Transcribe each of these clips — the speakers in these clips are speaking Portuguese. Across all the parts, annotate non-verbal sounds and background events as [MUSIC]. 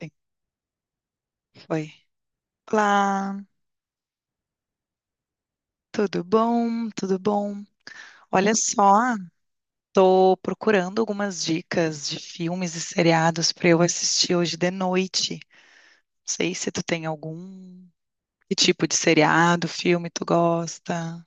Sim. Foi. Olá, tudo bom? Tudo bom? Olha só, tô procurando algumas dicas de filmes e seriados para eu assistir hoje de noite. Não sei se tu tem algum. Que tipo de seriado, filme tu gosta?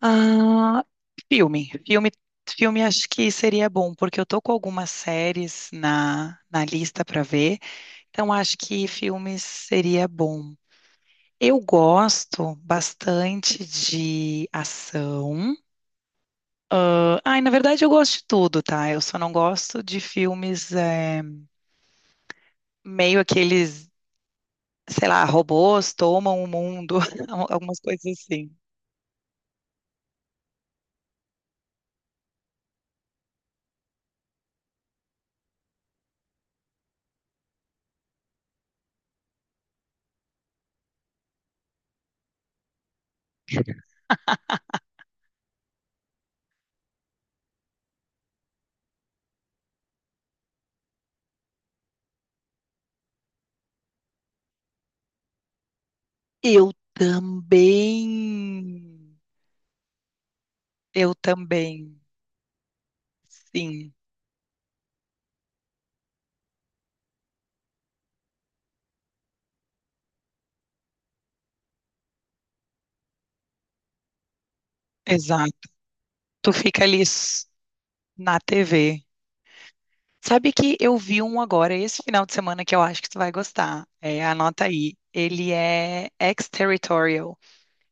Ah, filme. Filme, filme acho que seria bom, porque eu tô com algumas séries na lista para ver, então acho que filmes seria bom. Eu gosto bastante de ação. Ah, ai, na verdade, eu gosto de tudo, tá? Eu só não gosto de filmes meio aqueles, sei lá, robôs tomam o mundo, [LAUGHS] algumas coisas assim. Eu também. Eu também. Sim, exato. Tu fica ali s- Na TV. Sabe que eu vi um agora esse final de semana que eu acho que tu vai gostar. É, anota aí. Ele é ex-territorial.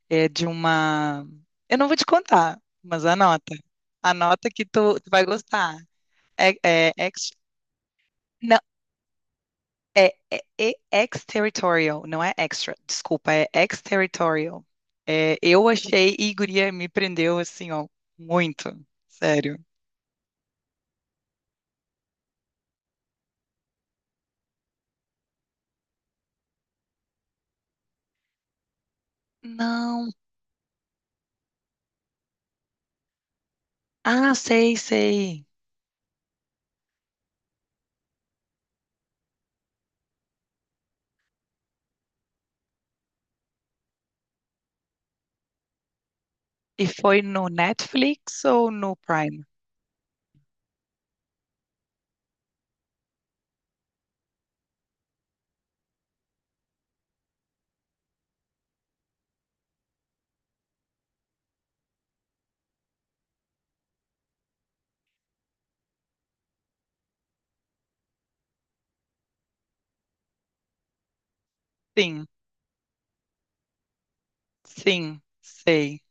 É de uma. Eu não vou te contar, mas anota. Anota que tu vai gostar. É, é ex. Não, é ex-territorial, não é extra. Desculpa, é ex-territorial. É, eu achei e guria me prendeu assim, ó, muito. Sério. Não. Ah, sei, sei. E foi no Netflix ou no Prime? Sim, sim, sei.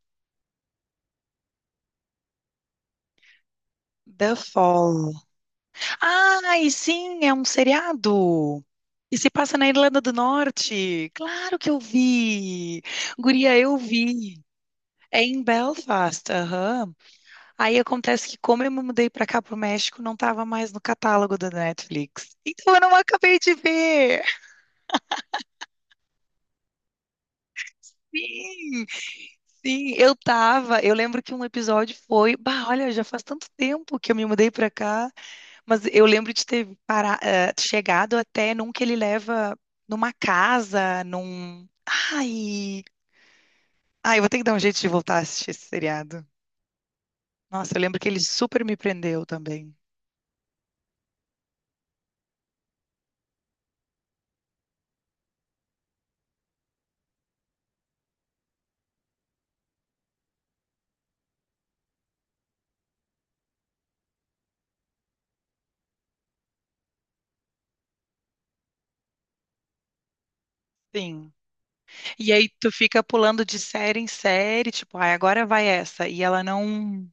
The Fall. Ai, sim, é um seriado. E se passa na Irlanda do Norte. Claro que eu vi. Guria, eu vi. É em Belfast, aham. Aí acontece que, como eu me mudei pra cá, pro México, não tava mais no catálogo da Netflix. Então eu não acabei de ver. Sim, sim, eu tava. Eu lembro que um episódio foi. Bah, olha, já faz tanto tempo que eu me mudei pra cá, mas eu lembro de ter para, chegado até num que ele leva numa casa, num. Ai, ai, eu vou ter que dar um jeito de voltar a assistir esse seriado. Nossa, eu lembro que ele super me prendeu também. Sim. E aí tu fica pulando de série em série, tipo, ai, agora vai essa. E ela não.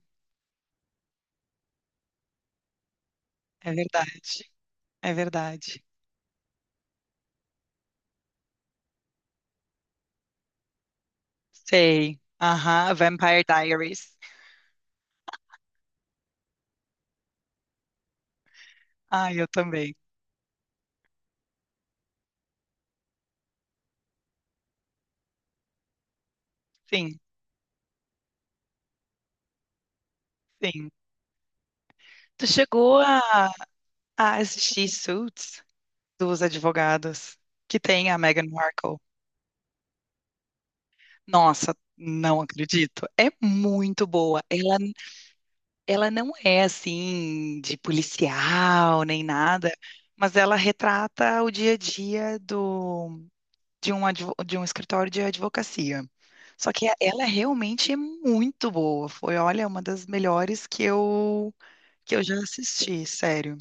É verdade. É verdade. Sei. Aham, Vampire Diaries. Ah, eu também. Sim, sim. Tu chegou a, a assistir Suits dos advogados que tem a Meghan Markle. Nossa, não acredito. É muito boa. Ela não é assim de policial nem nada, mas ela retrata o dia a dia do de um, de um escritório de advocacia. Só que ela realmente é muito boa. Foi, olha, uma das melhores que eu já assisti, sério.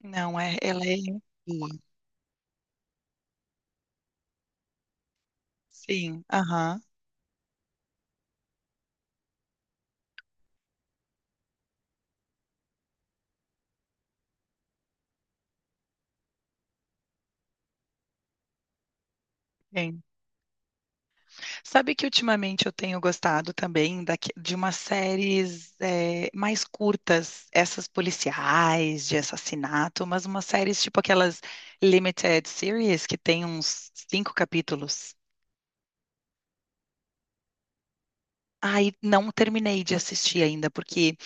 Não, é, ela é boa. Sim, aham. Sim. Sabe que ultimamente eu tenho gostado também de umas séries mais curtas, essas policiais de assassinato, mas umas séries tipo aquelas limited series que tem uns cinco capítulos. Aí não terminei de assistir ainda, porque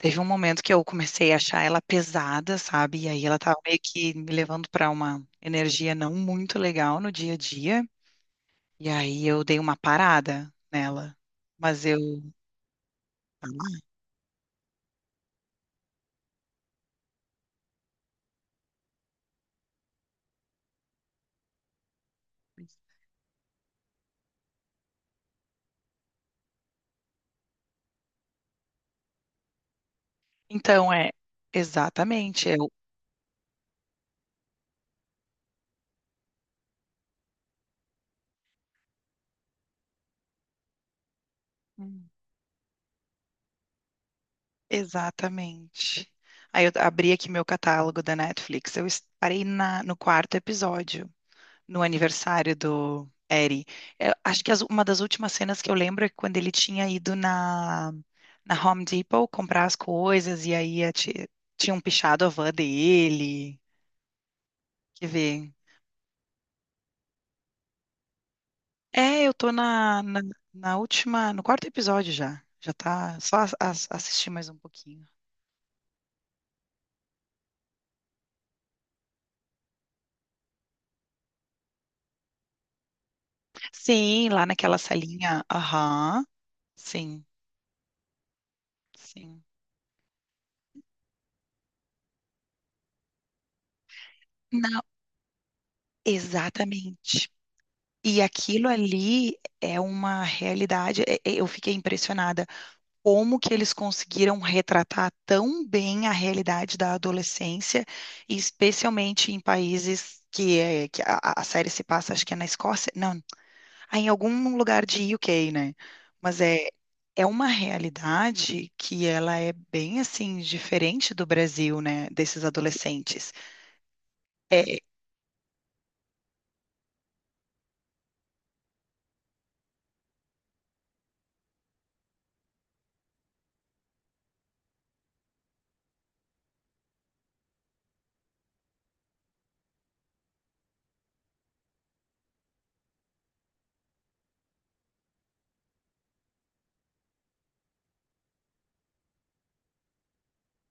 teve um momento que eu comecei a achar ela pesada, sabe? E aí ela tava meio que me levando para uma energia não muito legal no dia a dia. E aí eu dei uma parada nela. Mas eu. Então é exatamente, eu Hum. Exatamente. Aí eu abri aqui meu catálogo da Netflix. Parei no quarto episódio, no aniversário do Eri. Eu acho que uma das últimas cenas que eu lembro é quando ele tinha ido na Home Depot comprar as coisas e aí tinham pichado a van dele. Quer ver? É, eu tô na última, no quarto episódio já. Já tá, só assistir mais um pouquinho. Sim, lá naquela salinha. Aham. Sim, sim. Não, exatamente. E aquilo ali é uma realidade. Eu fiquei impressionada como que eles conseguiram retratar tão bem a realidade da adolescência, e especialmente em países que, é, que a série se passa, acho que é na Escócia, não, ah, em algum lugar de UK, né? Mas é, é uma realidade que ela é bem assim diferente do Brasil, né? Desses adolescentes. É,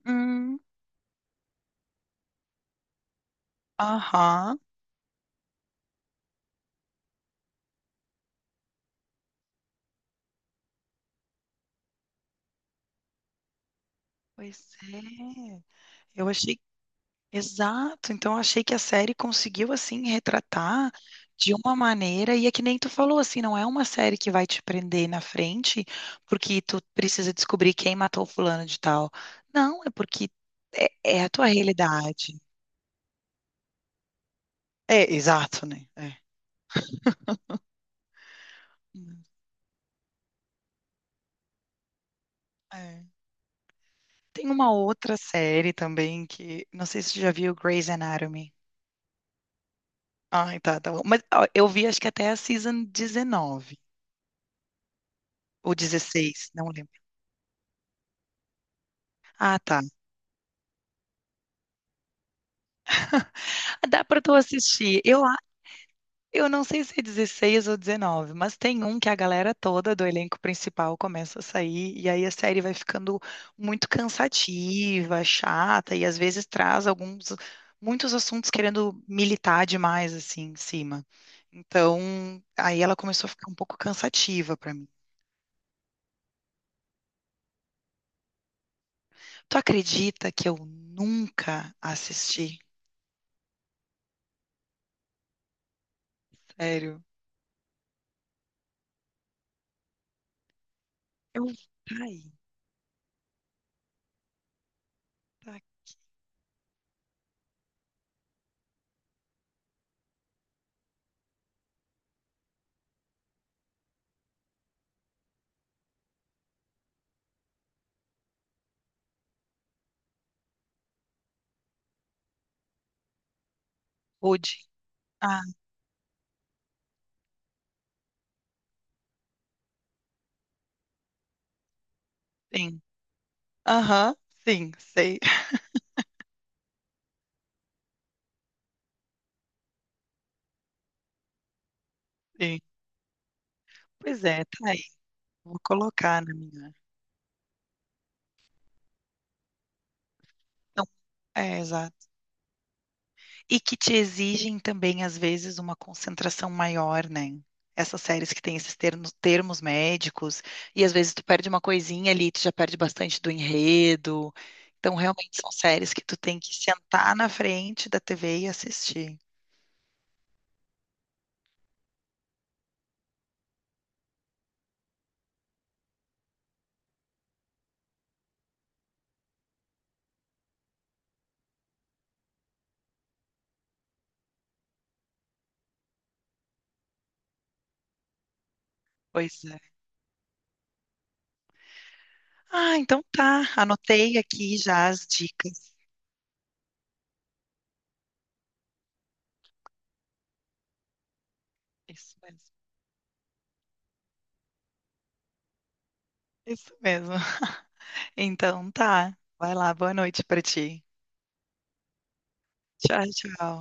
hum, aham, pois é. Eu achei exato, então achei que a série conseguiu assim retratar de uma maneira, e é que nem tu falou assim, não é uma série que vai te prender na frente porque tu precisa descobrir quem matou fulano de tal. Não, é porque é, é a tua realidade. É, exato, né? É. Hum, é. Tem uma outra série também que não sei se tu já viu Grey's Anatomy. Ai, tá, tá bom. Mas ó, eu vi acho que até a season 19 ou 16 não lembro. Ah, tá. Dá pra tu assistir. Eu não sei se é 16 ou 19, mas tem um que a galera toda do elenco principal começa a sair, e aí a série vai ficando muito cansativa, chata, e às vezes traz alguns, muitos assuntos querendo militar demais, assim, em cima. Então, aí ela começou a ficar um pouco cansativa pra mim. Tu acredita que eu nunca assisti? Sério? Eu. Ai, tá. Pude. Ah, sim. Aham, sim, sei. Sim. Pois é, tá. Vou colocar na minha. Então, é, exato. E que te exigem também, às vezes, uma concentração maior, né? Essas séries que têm esses termos, termos médicos, e às vezes tu perde uma coisinha ali, tu já perde bastante do enredo. Então, realmente são séries que tu tem que sentar na frente da TV e assistir. Pois é. Ah, então tá. Anotei aqui já as dicas. Isso mesmo. Isso mesmo. [LAUGHS] Então tá. Vai lá, boa noite pra ti. Tchau, tchau.